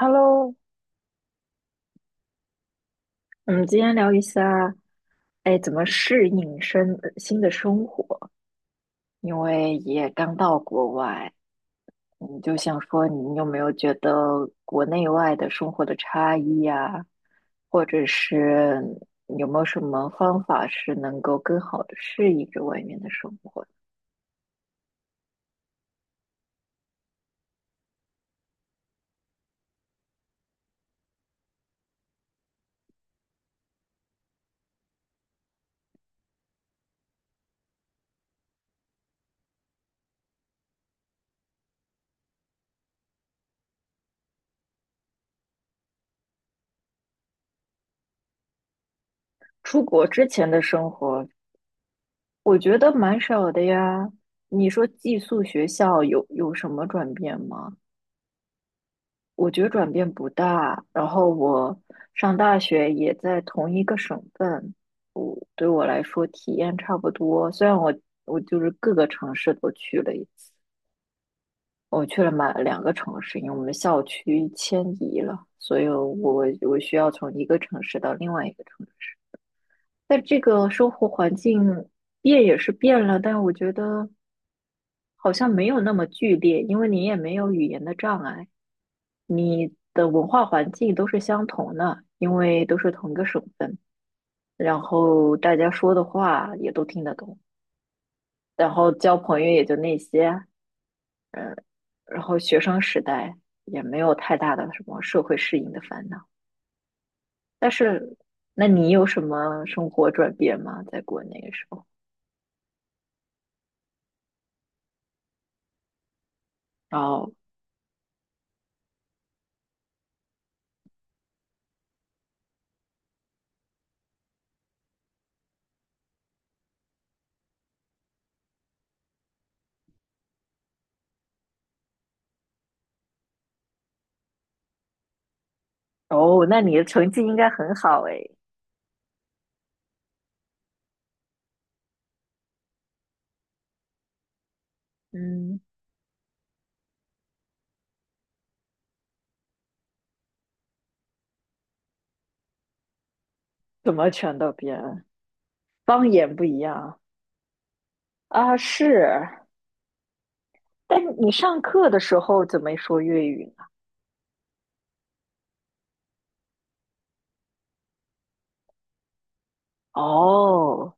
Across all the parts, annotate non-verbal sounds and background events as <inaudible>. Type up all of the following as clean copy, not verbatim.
Hello，我们今天聊一下，哎，怎么适应生呃新的生活？因为也刚到国外，你就想说，你有没有觉得国内外的生活的差异呀、或者是有没有什么方法是能够更好的适应着外面的生活？出国之前的生活，我觉得蛮少的呀。你说寄宿学校有什么转变吗？我觉得转变不大。然后我上大学也在同一个省份，我对我来说体验差不多。虽然我我各个城市都去了一次，我去了满两个城市，因为我们校区迁移了，所以我需要从一个城市到另外一个城市。但这个生活环境变也是变了，但我觉得好像没有那么剧烈，因为你也没有语言的障碍。你的文化环境都是相同的，因为都是同一个省份，然后大家说的话也都听得懂，然后交朋友也就那些，然后学生时代也没有太大的什么社会适应的烦恼。但是，那你有什么生活转变吗？在国内的时候？哦哦，那你的成绩应该很好诶。嗯，怎么全都变了？方言不一样。啊，是。但你上课的时候怎么说粤语？哦，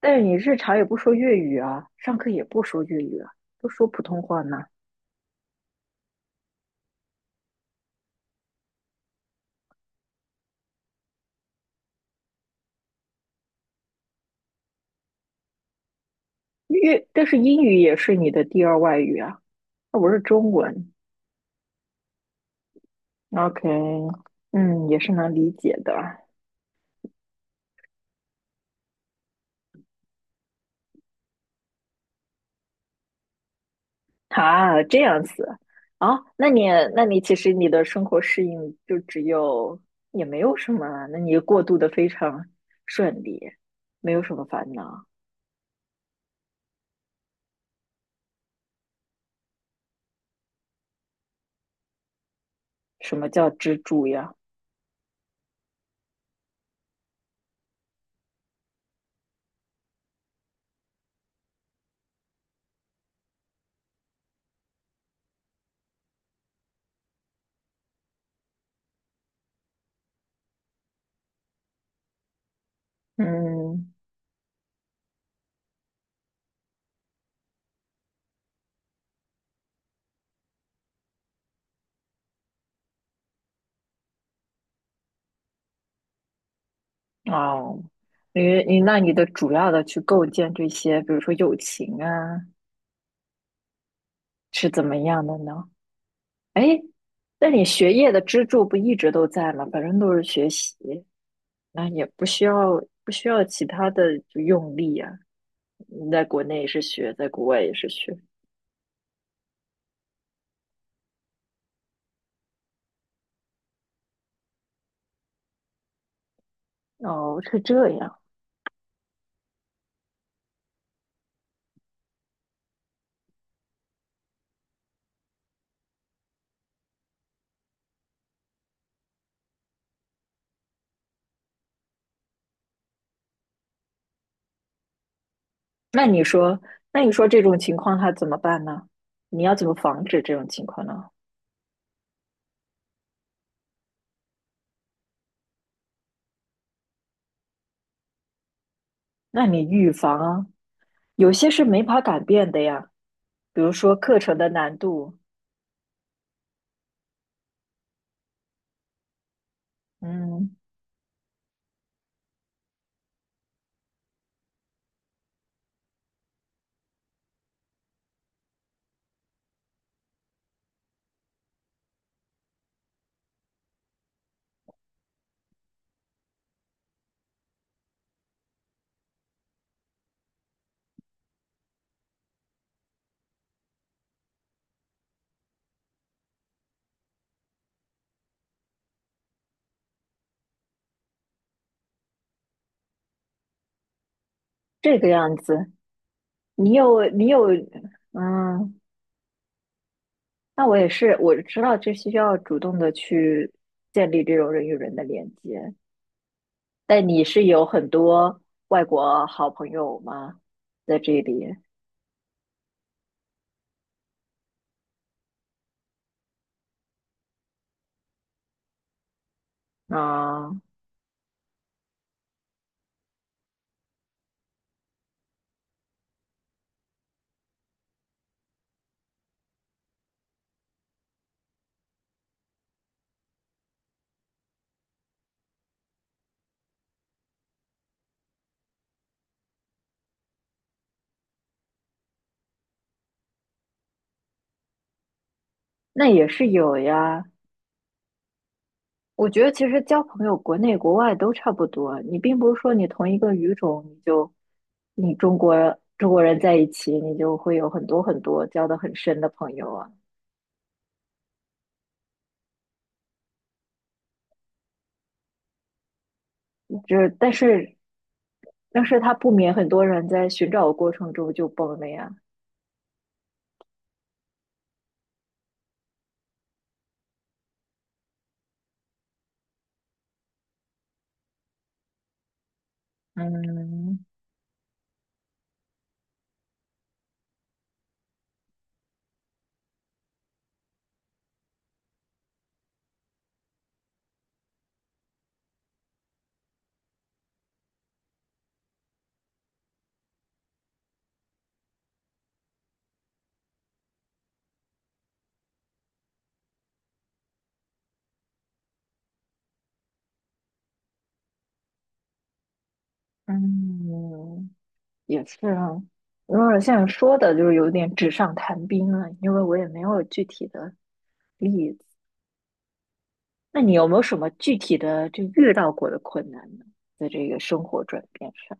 但是你日常也不说粤语啊，上课也不说粤语啊，都说普通话呢。粤，但是英语也是你的第二外语啊，那我是中文。OK，嗯，也是能理解的。啊，这样子。啊，那你其实你的生活适应就只有也没有什么啊那你过渡的非常顺利，没有什么烦恼。什么叫支柱呀？嗯。哦，那你的主要的去构建这些，比如说友情啊，是怎么样的呢？哎，那你学业的支柱不一直都在吗？反正都是学习，那也不需要其他的就用力啊。你在国内也是学，在国外也是学。哦，是这样。那你说，那你说这种情况他怎么办呢？你要怎么防止这种情况呢？那你预防啊，有些是没法改变的呀，比如说课程的难度。嗯，这个样子，你有，嗯，那我也是，我知道这需要主动的去建立这种人与人的连接。但你是有很多外国好朋友吗？在这里。啊，那也是有呀。我觉得其实交朋友，国内国外都差不多。你并不是说你同一个语种，你就你中国人在一起，你就会有很多很多交的很深的朋友啊。就是但是但是他不免很多人在寻找的过程中就崩了呀。嗯嗯，也是啊，有点像说的，就是有点纸上谈兵了，因为我也没有具体的例子。那你有没有什么具体的就遇到过的困难呢？在这个生活转变上。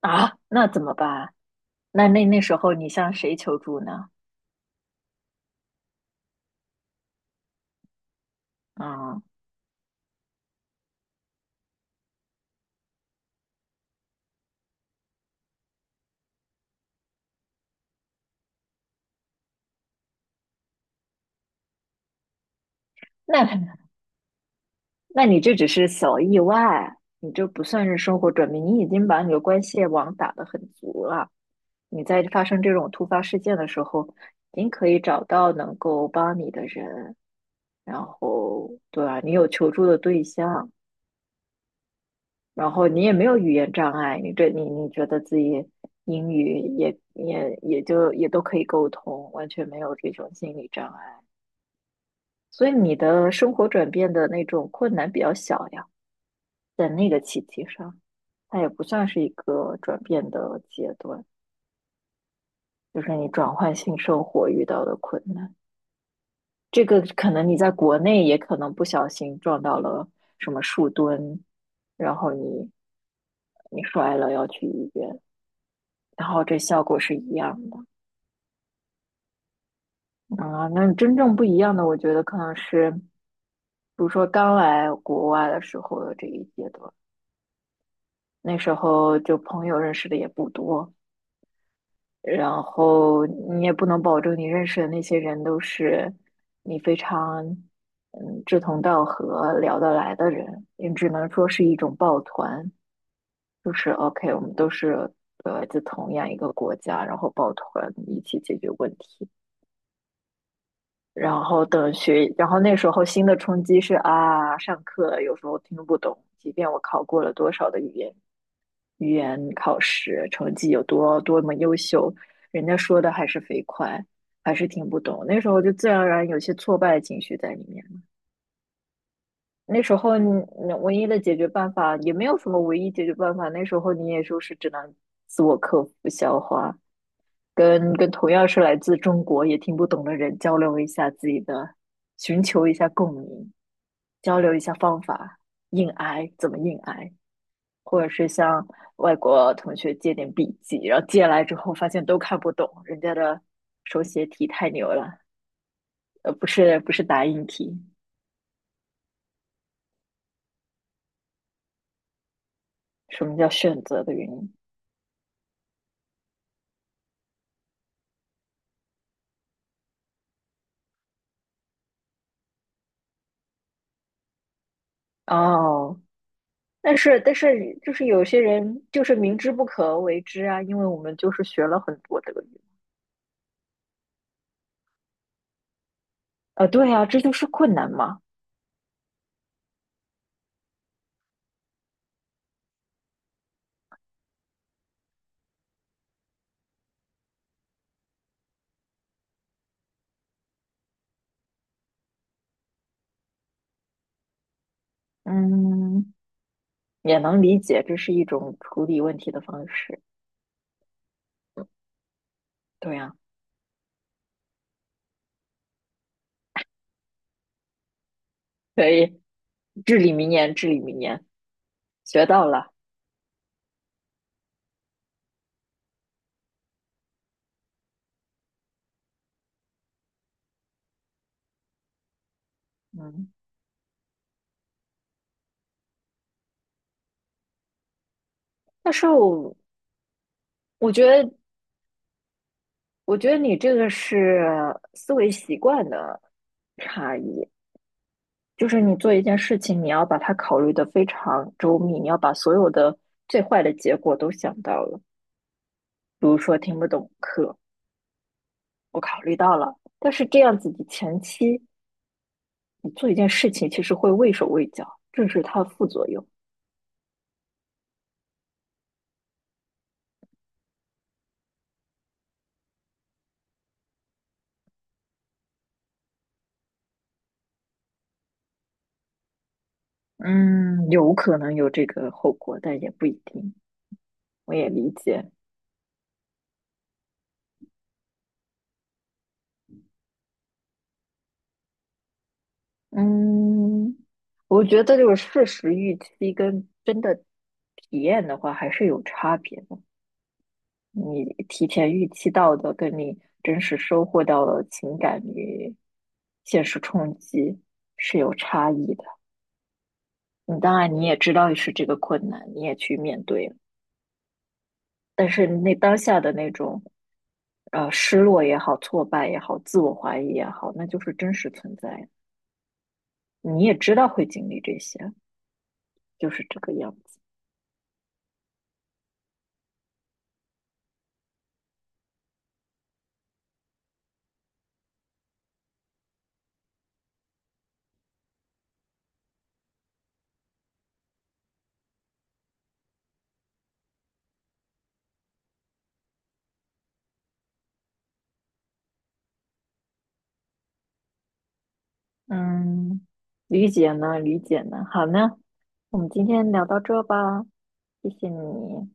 啊，那怎么办啊？那时候你向谁求助呢？啊、那 <laughs> 那你这只是小意外，你这不算是生活转变，你已经把你的关系网打得很足了。你在发生这种突发事件的时候，您可以找到能够帮你的人，然后对吧？你有求助的对象，然后你也没有语言障碍，你这你你觉得自己英语也也也就也都可以沟通，完全没有这种心理障碍，所以你的生活转变的那种困难比较小呀，在那个契机上，它也不算是一个转变的阶段，就是你转换性生活遇到的困难。这个可能你在国内也可能不小心撞到了什么树墩，然后你摔了要去医院，然后这效果是一样的啊。那真正不一样的，我觉得可能是，比如说刚来国外的时候的这一阶段，那时候就朋友认识的也不多，然后你也不能保证你认识的那些人都是你非常志同道合、聊得来的人，你只能说是一种抱团，就是 OK，我们都是来自同样一个国家，然后抱团一起解决问题。然后等学，然后那时候新的冲击是啊，上课有时候听不懂，即便我考过了多少的语言。语言考试成绩有多么优秀，人家说的还是飞快，还是听不懂。那时候就自然而然有些挫败的情绪在里面。那时候你唯一的解决办法也没有什么唯一解决办法，那时候你也就是只能自我克服、消化，跟同样是来自中国也听不懂的人交流一下自己的，寻求一下共鸣，交流一下方法，硬挨怎么硬挨。或者是向外国同学借点笔记，然后借来之后发现都看不懂，人家的手写体太牛了，不是打印体，什么叫选择的原因？哦，但是就是有些人就是明知不可为之啊，因为我们就是学了很多德语，对啊，这就是困难嘛，嗯，也能理解，这是一种处理问题的方式，对呀、啊，可以，至理名言，至理名言，学到了，嗯。但是我我觉得，我觉得你这个是思维习惯的差异，就是你做一件事情，你要把它考虑的非常周密，你要把所有的最坏的结果都想到了。比如说听不懂课，我考虑到了，但是这样子你前期你做一件事情，其实会畏手畏脚，这是它的副作用。嗯，有可能有这个后果，但也不一定。我也理解。嗯，我觉得就是事实预期跟真的体验的话还是有差别的。你提前预期到的，跟你真实收获到的情感与现实冲击是有差异的。你当然你也知道是这个困难，你也去面对了，但是那当下的那种失落也好、挫败也好、自我怀疑也好，那就是真实存在的你也知道会经历这些，就是这个样子。嗯，理解呢，理解呢。好呢，我们今天聊到这吧，谢谢你，